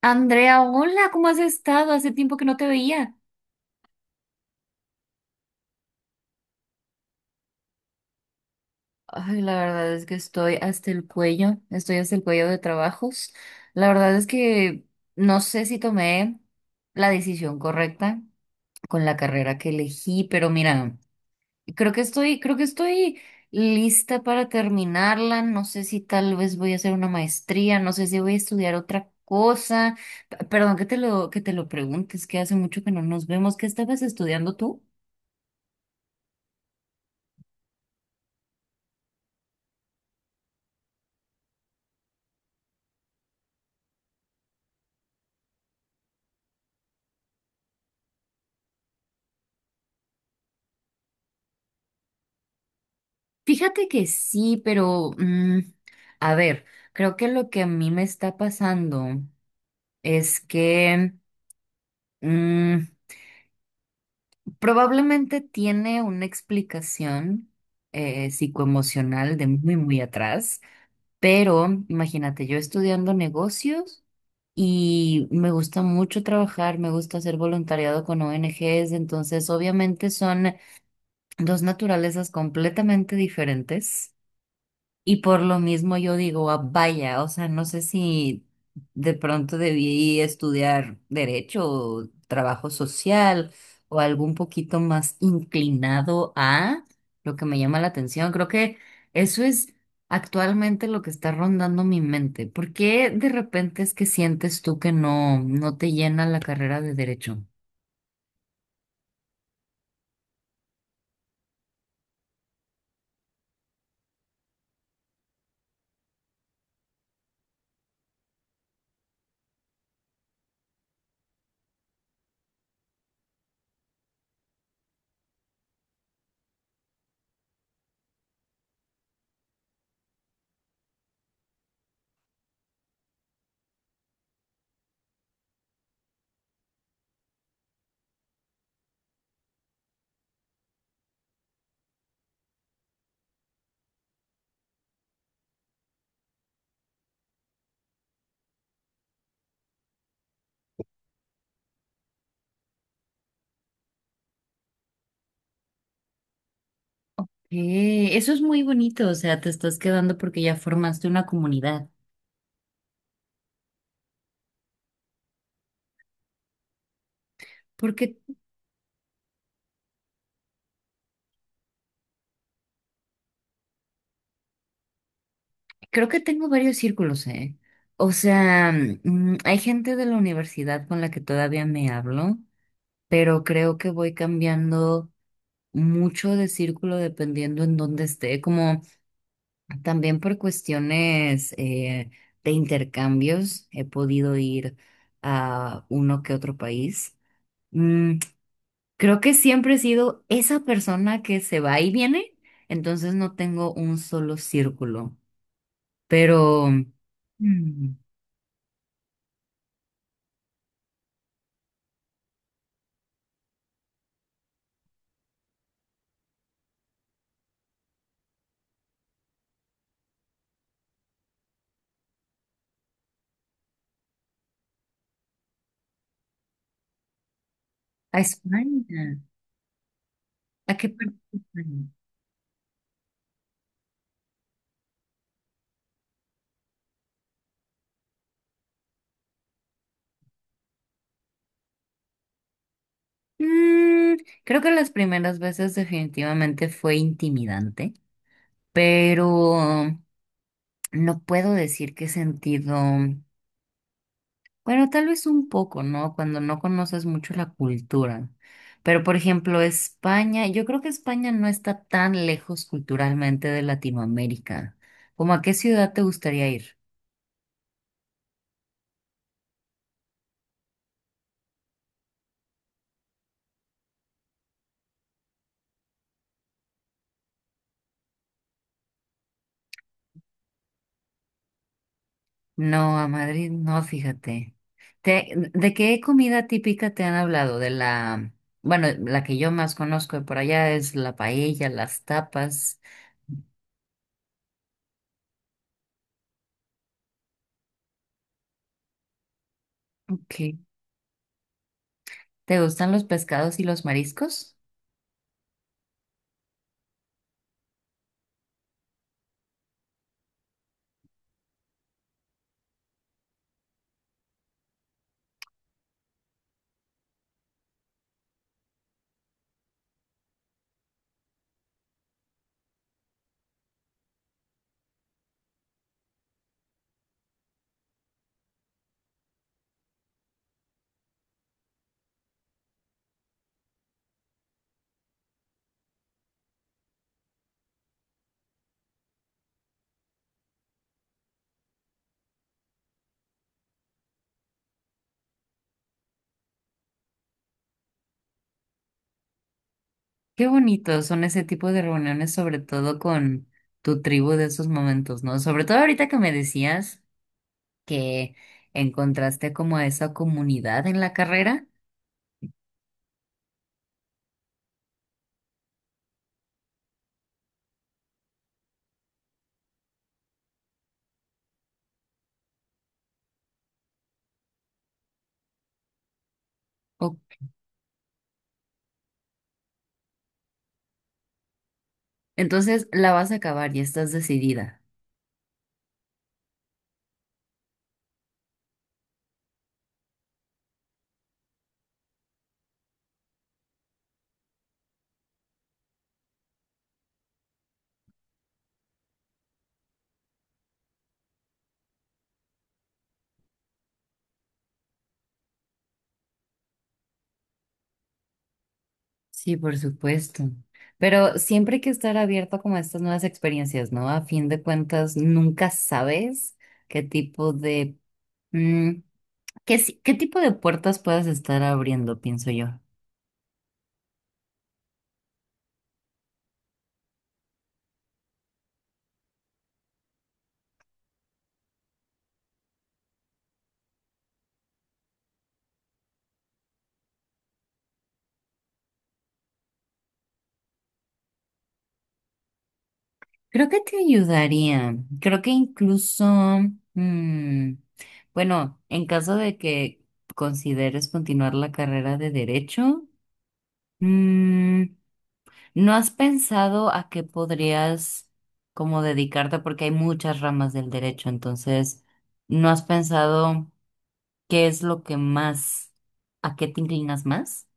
Andrea, hola, ¿cómo has estado? Hace tiempo que no te veía. Ay, la verdad es que estoy hasta el cuello, estoy hasta el cuello de trabajos. La verdad es que no sé si tomé la decisión correcta con la carrera que elegí, pero mira, creo que estoy lista para terminarla. No sé si tal vez voy a hacer una maestría, no sé si voy a estudiar otra cosa. Perdón que te lo preguntes, que hace mucho que no nos vemos. ¿Qué estabas estudiando tú? Fíjate que sí, pero a ver, creo que lo que a mí me está pasando es que mm, probablemente tiene una explicación psicoemocional de muy, muy atrás, pero imagínate, yo estudiando negocios y me gusta mucho trabajar, me gusta hacer voluntariado con ONGs, entonces obviamente son dos naturalezas completamente diferentes. Y por lo mismo yo digo, "Ah, vaya, o sea, no sé si de pronto debí estudiar derecho o trabajo social o algo un poquito más inclinado a lo que me llama la atención. Creo que eso es actualmente lo que está rondando mi mente. ¿Por qué de repente es que sientes tú que no, no te llena la carrera de derecho? Eso es muy bonito, o sea, te estás quedando porque ya formaste una comunidad. Porque creo que tengo varios círculos, ¿eh? O sea, hay gente de la universidad con la que todavía me hablo, pero creo que voy cambiando mucho de círculo dependiendo en dónde esté, como también por cuestiones de intercambios he podido ir a uno que otro país. Mm, creo que siempre he sido esa persona que se va y viene, entonces no tengo un solo círculo, pero... mm, a España. ¿A qué parte de España? Mm, creo que las primeras veces definitivamente fue intimidante, pero no puedo decir qué sentido. Bueno, tal vez un poco, ¿no? Cuando no conoces mucho la cultura. Pero, por ejemplo, España, yo creo que España no está tan lejos culturalmente de Latinoamérica. ¿Cómo a qué ciudad te gustaría ir? No, a Madrid no, fíjate. ¿De qué comida típica te han hablado? De la, bueno, la que yo más conozco de por allá es la paella, las tapas. Ok. ¿Te gustan los pescados y los mariscos? Qué bonitos son ese tipo de reuniones, sobre todo con tu tribu de esos momentos, ¿no? Sobre todo ahorita que me decías que encontraste como a esa comunidad en la carrera. o- Entonces la vas a acabar y estás decidida. Sí, por supuesto. Pero siempre hay que estar abierto como a estas nuevas experiencias, ¿no? A fin de cuentas, nunca sabes qué tipo de mm, qué, qué tipo de puertas puedas estar abriendo, pienso yo. Creo que te ayudaría. Creo que incluso, mm, bueno, en caso de que consideres continuar la carrera de derecho, mm, ¿no has pensado a qué podrías como dedicarte? Porque hay muchas ramas del derecho, entonces, ¿no has pensado qué es lo que más, a qué te inclinas más?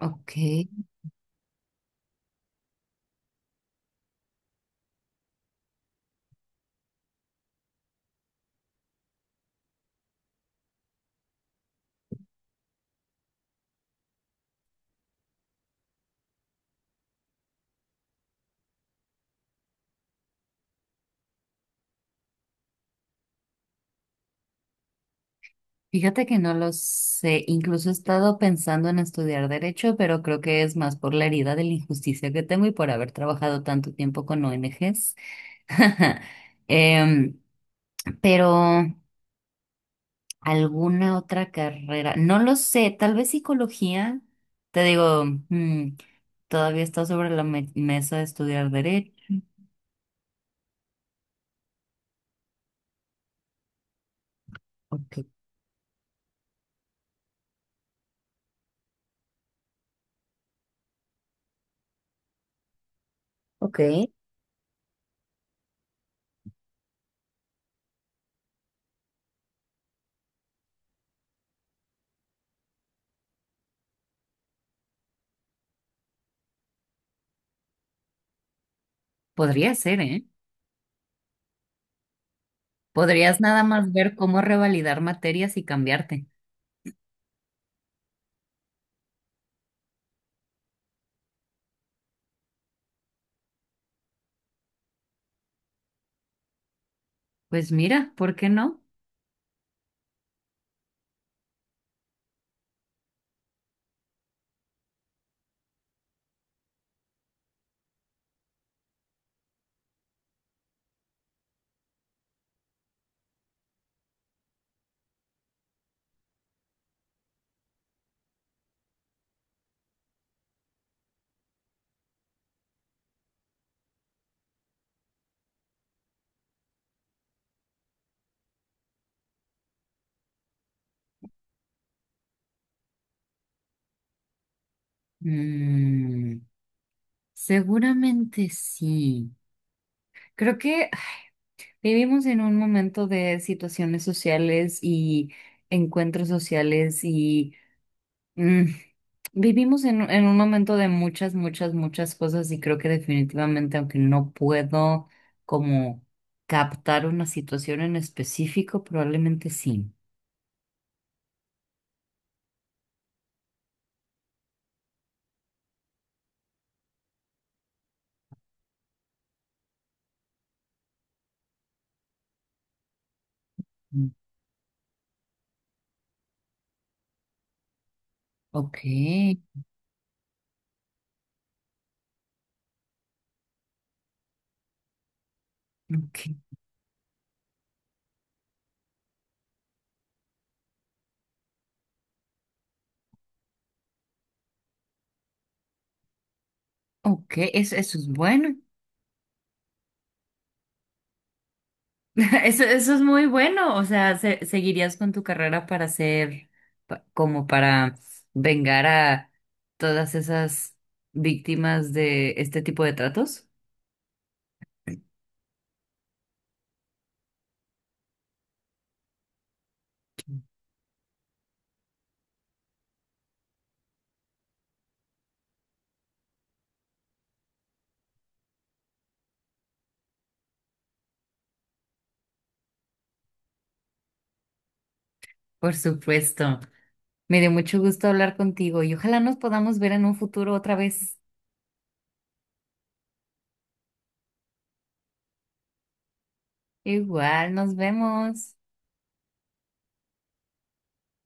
Ok, fíjate que no lo sé. Incluso he estado pensando en estudiar derecho, pero creo que es más por la herida de la injusticia que tengo y por haber trabajado tanto tiempo con ONGs. Em, pero ¿alguna otra carrera? No lo sé, tal vez psicología. Te digo, todavía está sobre la mesa de estudiar derecho. Ok. Ok. Podría ser, ¿eh? Podrías nada más ver cómo revalidar materias y cambiarte. Pues mira, ¿por qué no? Mm, seguramente sí. Creo que vivimos en un momento de situaciones sociales y encuentros sociales y... mm, vivimos en un momento de muchas, muchas, muchas cosas y creo que definitivamente, aunque no puedo como captar una situación en específico, probablemente sí. Mm. Ok, ok, ok, eso, eso es bueno, eso es muy bueno, o sea, seguirías con tu carrera para ser, como para vengar a todas esas víctimas de este tipo de tratos, por supuesto. Me dio mucho gusto hablar contigo y ojalá nos podamos ver en un futuro otra vez. Igual, nos vemos.